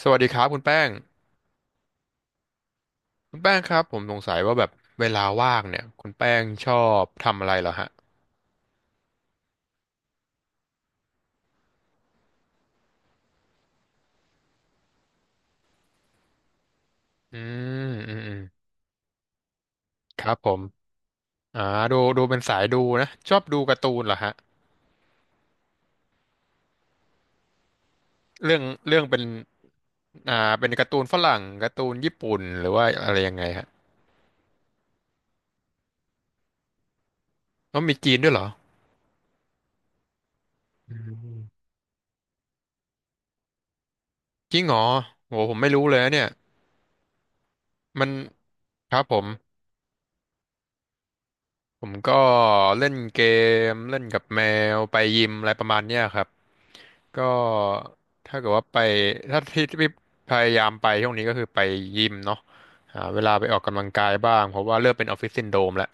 สวัสดีครับคุณแป้งครับผมสงสัยว่าแบบเวลาว่างเนี่ยคุณแป้งชอบทำอะไรเหรอฮะอืมอืมครับผมอ่าดูเป็นสายดูนะชอบดูการ์ตูนเหรอฮะเรื่องเรื่องเป็นอ่าเป็นการ์ตูนฝรั่งการ์ตูนญี่ปุ่นหรือว่าอะไรยังไงฮะแล้วมีจีนด้วยเหรออืมจริงเหรอโหผมไม่รู้เลยนะเนี่ยมันครับผมก็เล่นเกมเล่นกับแมวไปยิมอะไรประมาณเนี้ยครับ ก็ถ้าเกิดว่าไปที่ที่พยายามไปช่วงนี้ก็คือไปยิมเนาะหาเวลาไปออกกำลังกายบ้างเพราะว่าเริ่มเป็นออฟฟิศซินโดรมแล้ว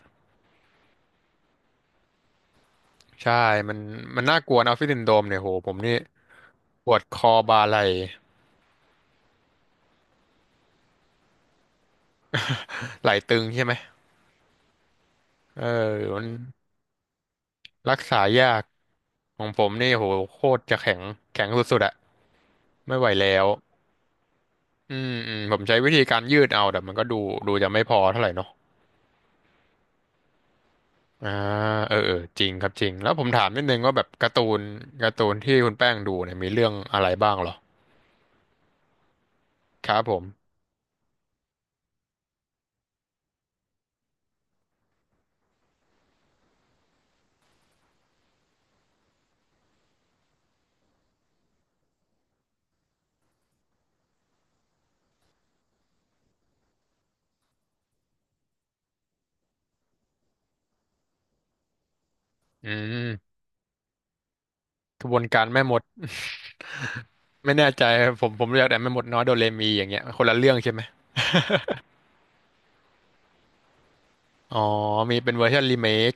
ใช่มันมันน่ากลัวนะออฟฟิศซินโดรมเนี่ยโหผมนี่ปวดคอบ่าไหล่ไหล่ตึงใช่ไหมเออมันรักษายากของผมนี่โหโคตรจะแข็งแข็งสุดๆอะไม่ไหวแล้วอืมผมใช้วิธีการยืดเอาแต่มันก็ดูจะไม่พอเท่าไหร่เนาะ อ่าเออจริงครับจริงแล้วผมถามนิดนึงว่าแบบการ์ตูนที่คุณแป้งดูเนี่ยมีเรื่องอะไรบ้างเหรอครับผมอืมกระบวนการแม่มด ไม่แน่ใจครับผมเรียกแต่แม่มดน้อยโดเรมีอย่างเงี้ยคนละเรื่องใช่ไหมอ๋อมีเป็นเวอร์ชันรีเมค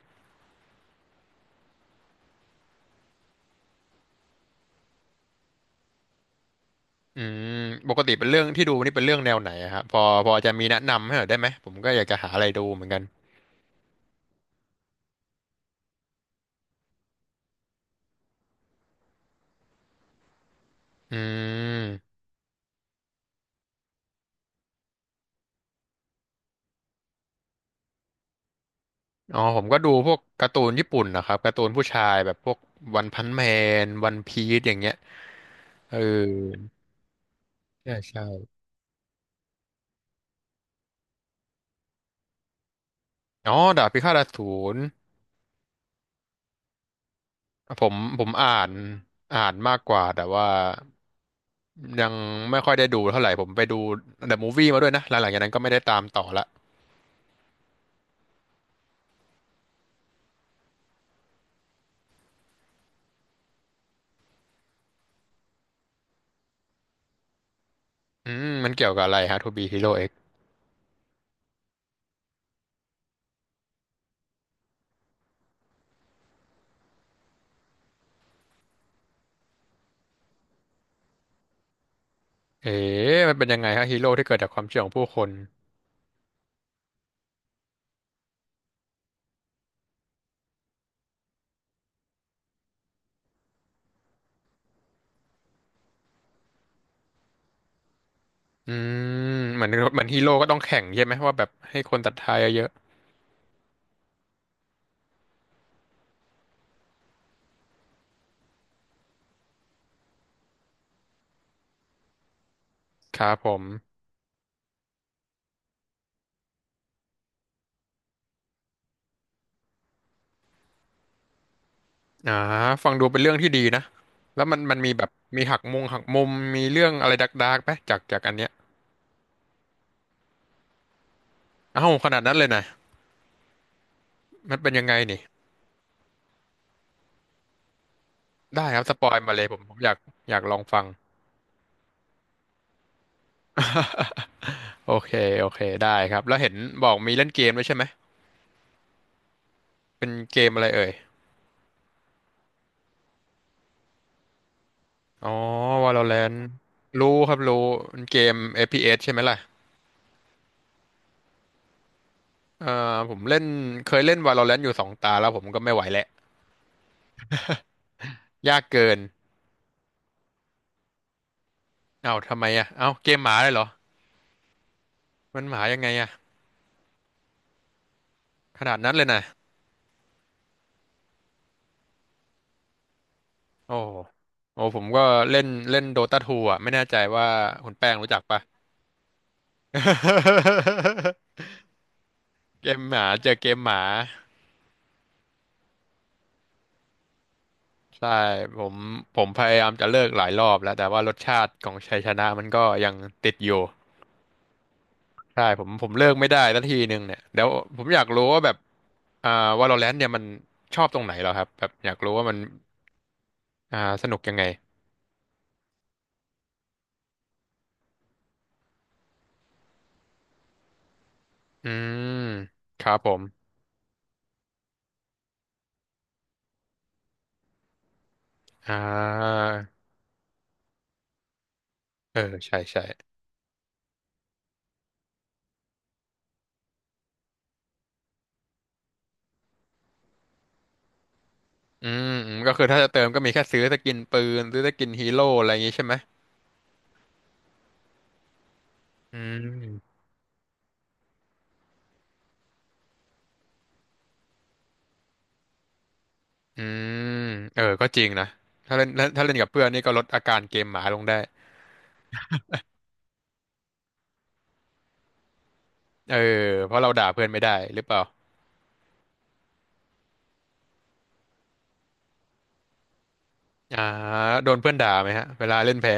อืมปกติเป็นเรื่องที่ดูนี่เป็นเรื่องแนวไหนอะครับพอจะมีแนะนำให้หน่อยได้ไหมผมก็อยากจะหาอะไรดูเหมือนกันอืมอ๋อผมก็ดูพวกการ์ตูนญี่ปุ่นนะครับการ์ตูนผู้ชายแบบพวกวันพันแมนวันพีซอย่างเงี้ยเออ ใช่อ๋อดาบพิฆาตอสูรผมอ่าน อ่านมากกว่า แต่ว่ายังไม่ค่อยได้ดูเท่าไหร่ ผมไปดูเดอะมูฟวี่มาด้วยนะ หลังๆจากนั้นก็ไม่ได้ตามต่อละอืมมันเกี่ยวกับอะไรฮะทูบีฮีโร่เอ็กเอ๊ะมันเป็นยังไงฮะฮีโร่ที่เกิดจากความเชื่อของผู้คนอืมเหมือนฮีโร่ก็ต้องแข่งใช่ไหมว่าแบบให้คนศรัทธาเยอะๆครับผมอ่าฟังดูเป็นเรื่องที่ดีนะแล้วมันมีแบบมีหักมุมมีเรื่องอะไรดาร์กๆไหมจากอันเนี้ยเอ้าขนาดนั้นเลยนะ มันเป็นยังไงนี่ ได้ครับสปอยมาเลยผมอยากอยากลองฟัง โอเคได้ครับแล้วเห็นบอกมีเล่นเกมด้วยใช่ไหม เป็นเกมอะไรเอ่ย อ๋อ Valorant รู้ครับรู้เป็นเกม FPS ใช่ไหมล่ะผมเล่นเคยเล่น Valorant อยู่สองตาแล้วผมก็ไม่ไหวแล้วยากเกิน เอ้าทำไมอ่ะเอ้าเกมหมาเลยเหรอ มันหมายังไงอ่ะขนาดนั้นเลยนะโอ้โหโอ้ผมก็เล่นเล่น Dota 2อ่ะไม่แน่ใจว่าคุณแป้งรู้จักปะ เกมหมาเจอเกมหมาใช่ผมผมพยายามจะเลิกหลายรอบแล้วแต่ว่ารสชาติของชัยชนะมันก็ยังติดอยู่ใช่ผมเลิกไม่ได้สักทีหนึ่งเนี่ยเดี๋ยวผมอยากรู้ว่าแบบอ่า Valorant เนี่ยมันชอบตรงไหนเหรอครับแบบอยากรู้ว่ามันอ่าสนุกยังไงอืมครับผมอ่าเออใช่อืมก็คือถ้าจะเติมก็มีแค่ซื้อสกินปืนซื้อสกินฮีโร่อะไรอย่างงี้ใช่ไหมอืม อืมเออก็จริงนะถ้าเล่นถ้าเล่นกับเพื่อนนี่ก็ลดอาการเกมหมาลงได้เออเพราะเราด่าเพื่อนไม่ได้หรือเปล่าอ่าโดนเพื่อนด่าไหมฮะเวลาเล่นแพ้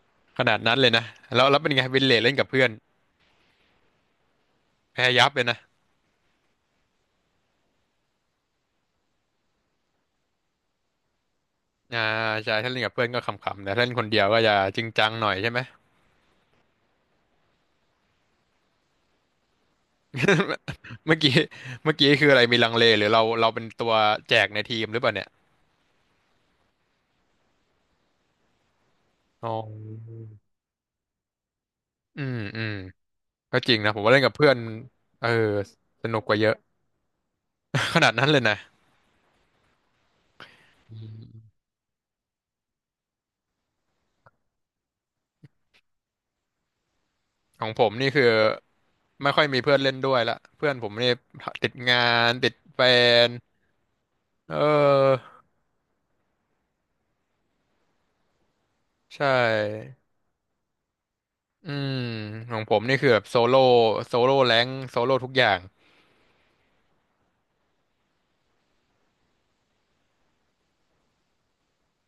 ขนาดนั้นเลยนะแล้วเป็นไงวินเลทเล่นกับเพื่อนแพ้ยับเลยนะอ่าใช่ถ้าเล่นกับเพื่อนก็ขำๆแต่ถ้าเล่นคนเดียวก็จะจริงจังหน่อยใช่ไหม เมื่อกี้คืออะไรมีลังเลหรือเราเป็นตัวแจกในทีมหรือเปล่าเนี่ยอ๋ออืมก็จริงนะผมว่าเล่นกับเพื่อนเออสนุกกว่าเยอะ ขนาดนั้นเลยนะของผมนี่คือไม่ค่อยมีเพื่อนเล่นด้วยละเพื่อนผมนี่ติดงานติดแฟนเออใช่อืมของผมนี่คือแบบโซโล่แรงโซโล่ทุกอย่าง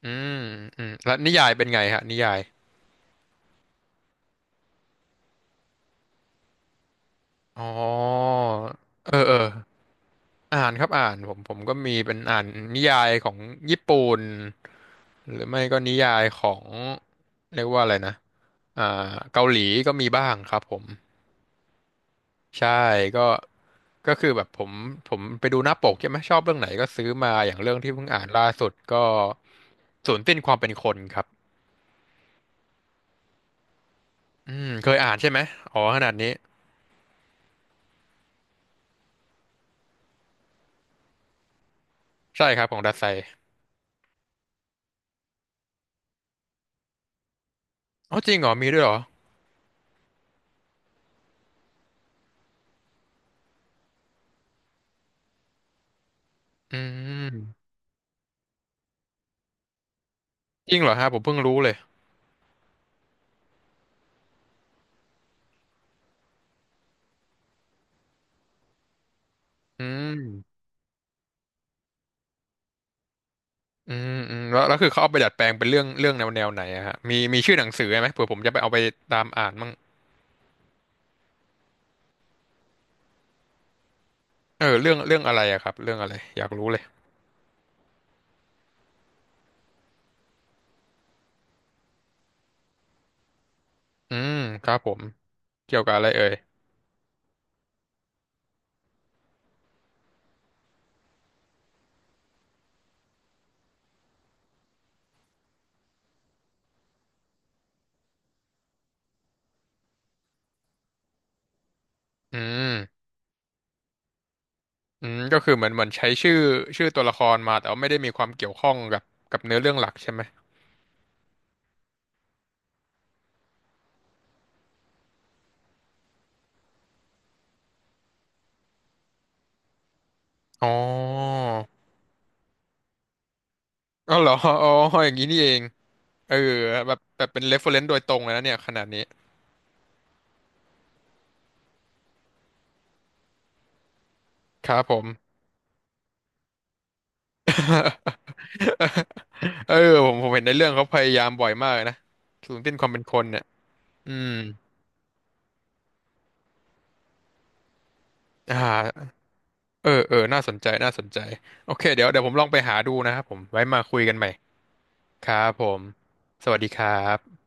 อืมอืมแล้วนิยายเป็นไงฮะนิยายอ๋อเอออ่านครับอ่านผมก็มีเป็นอ่านนิยายของญี่ปุ่นหรือไม่ก็นิยายของเรียกว่าอะไรนะอ่าเกาหลีก็มีบ้างครับผมใช่ก็ ก็คือแบบผมไปดูหน้าปกใช่ไหมชอบเรื่องไหนก็ซื้อมาอย่างเรื่องที่เพิ่งอ่านล่าสุดก็ศูนย์สิ้นความเป็นคนครับอืมเคยอ่านใช่ไหมอ๋อขนาดนี้ใช่ครับของดัสไซอ๋อจริงเหรอมีด้วยเหรออืมจริงเหรอฮะผมเพิ่งรู้เลยอืมอืมอืมแล้วคือเขาเอาไปดัดแปลงเป็นเรื่องแนวไหนอะฮะมีชื่อหนังสือไหมเผื่อผมจะไปเอาไปตามอ่านมั่งเออเรื่องอะไรอะครับเรื่องอะไรอยากรู้เลยอืมครับผมเกี่ยวกับอะไรเอ่ยอืม อืมก็คือเหมือนใช้ชื่อตัวละครมาแต่ว่าไม่ได้มีความเกี่ยวข้องกับเนื้อเรื่องหลักใช่ไหมอ๋ออ๋อเหรออ๋ออย่างนี้นี่เองเออแบบเป็น reference โดยตรงเลยนะเนี่ยขนาดนี้ครับผม เออผมเห็นในเรื่องเขาพยายามบ่อยมากเลยนะศูนย์สิ้นความเป็นคนเนี่ยอืมอ่าเออน่าสนใจโอเคเดี๋ยวผมลองไปหาดูนะครับผมไว้มาคุยกันใหม่ครับผมสวัสดีครับ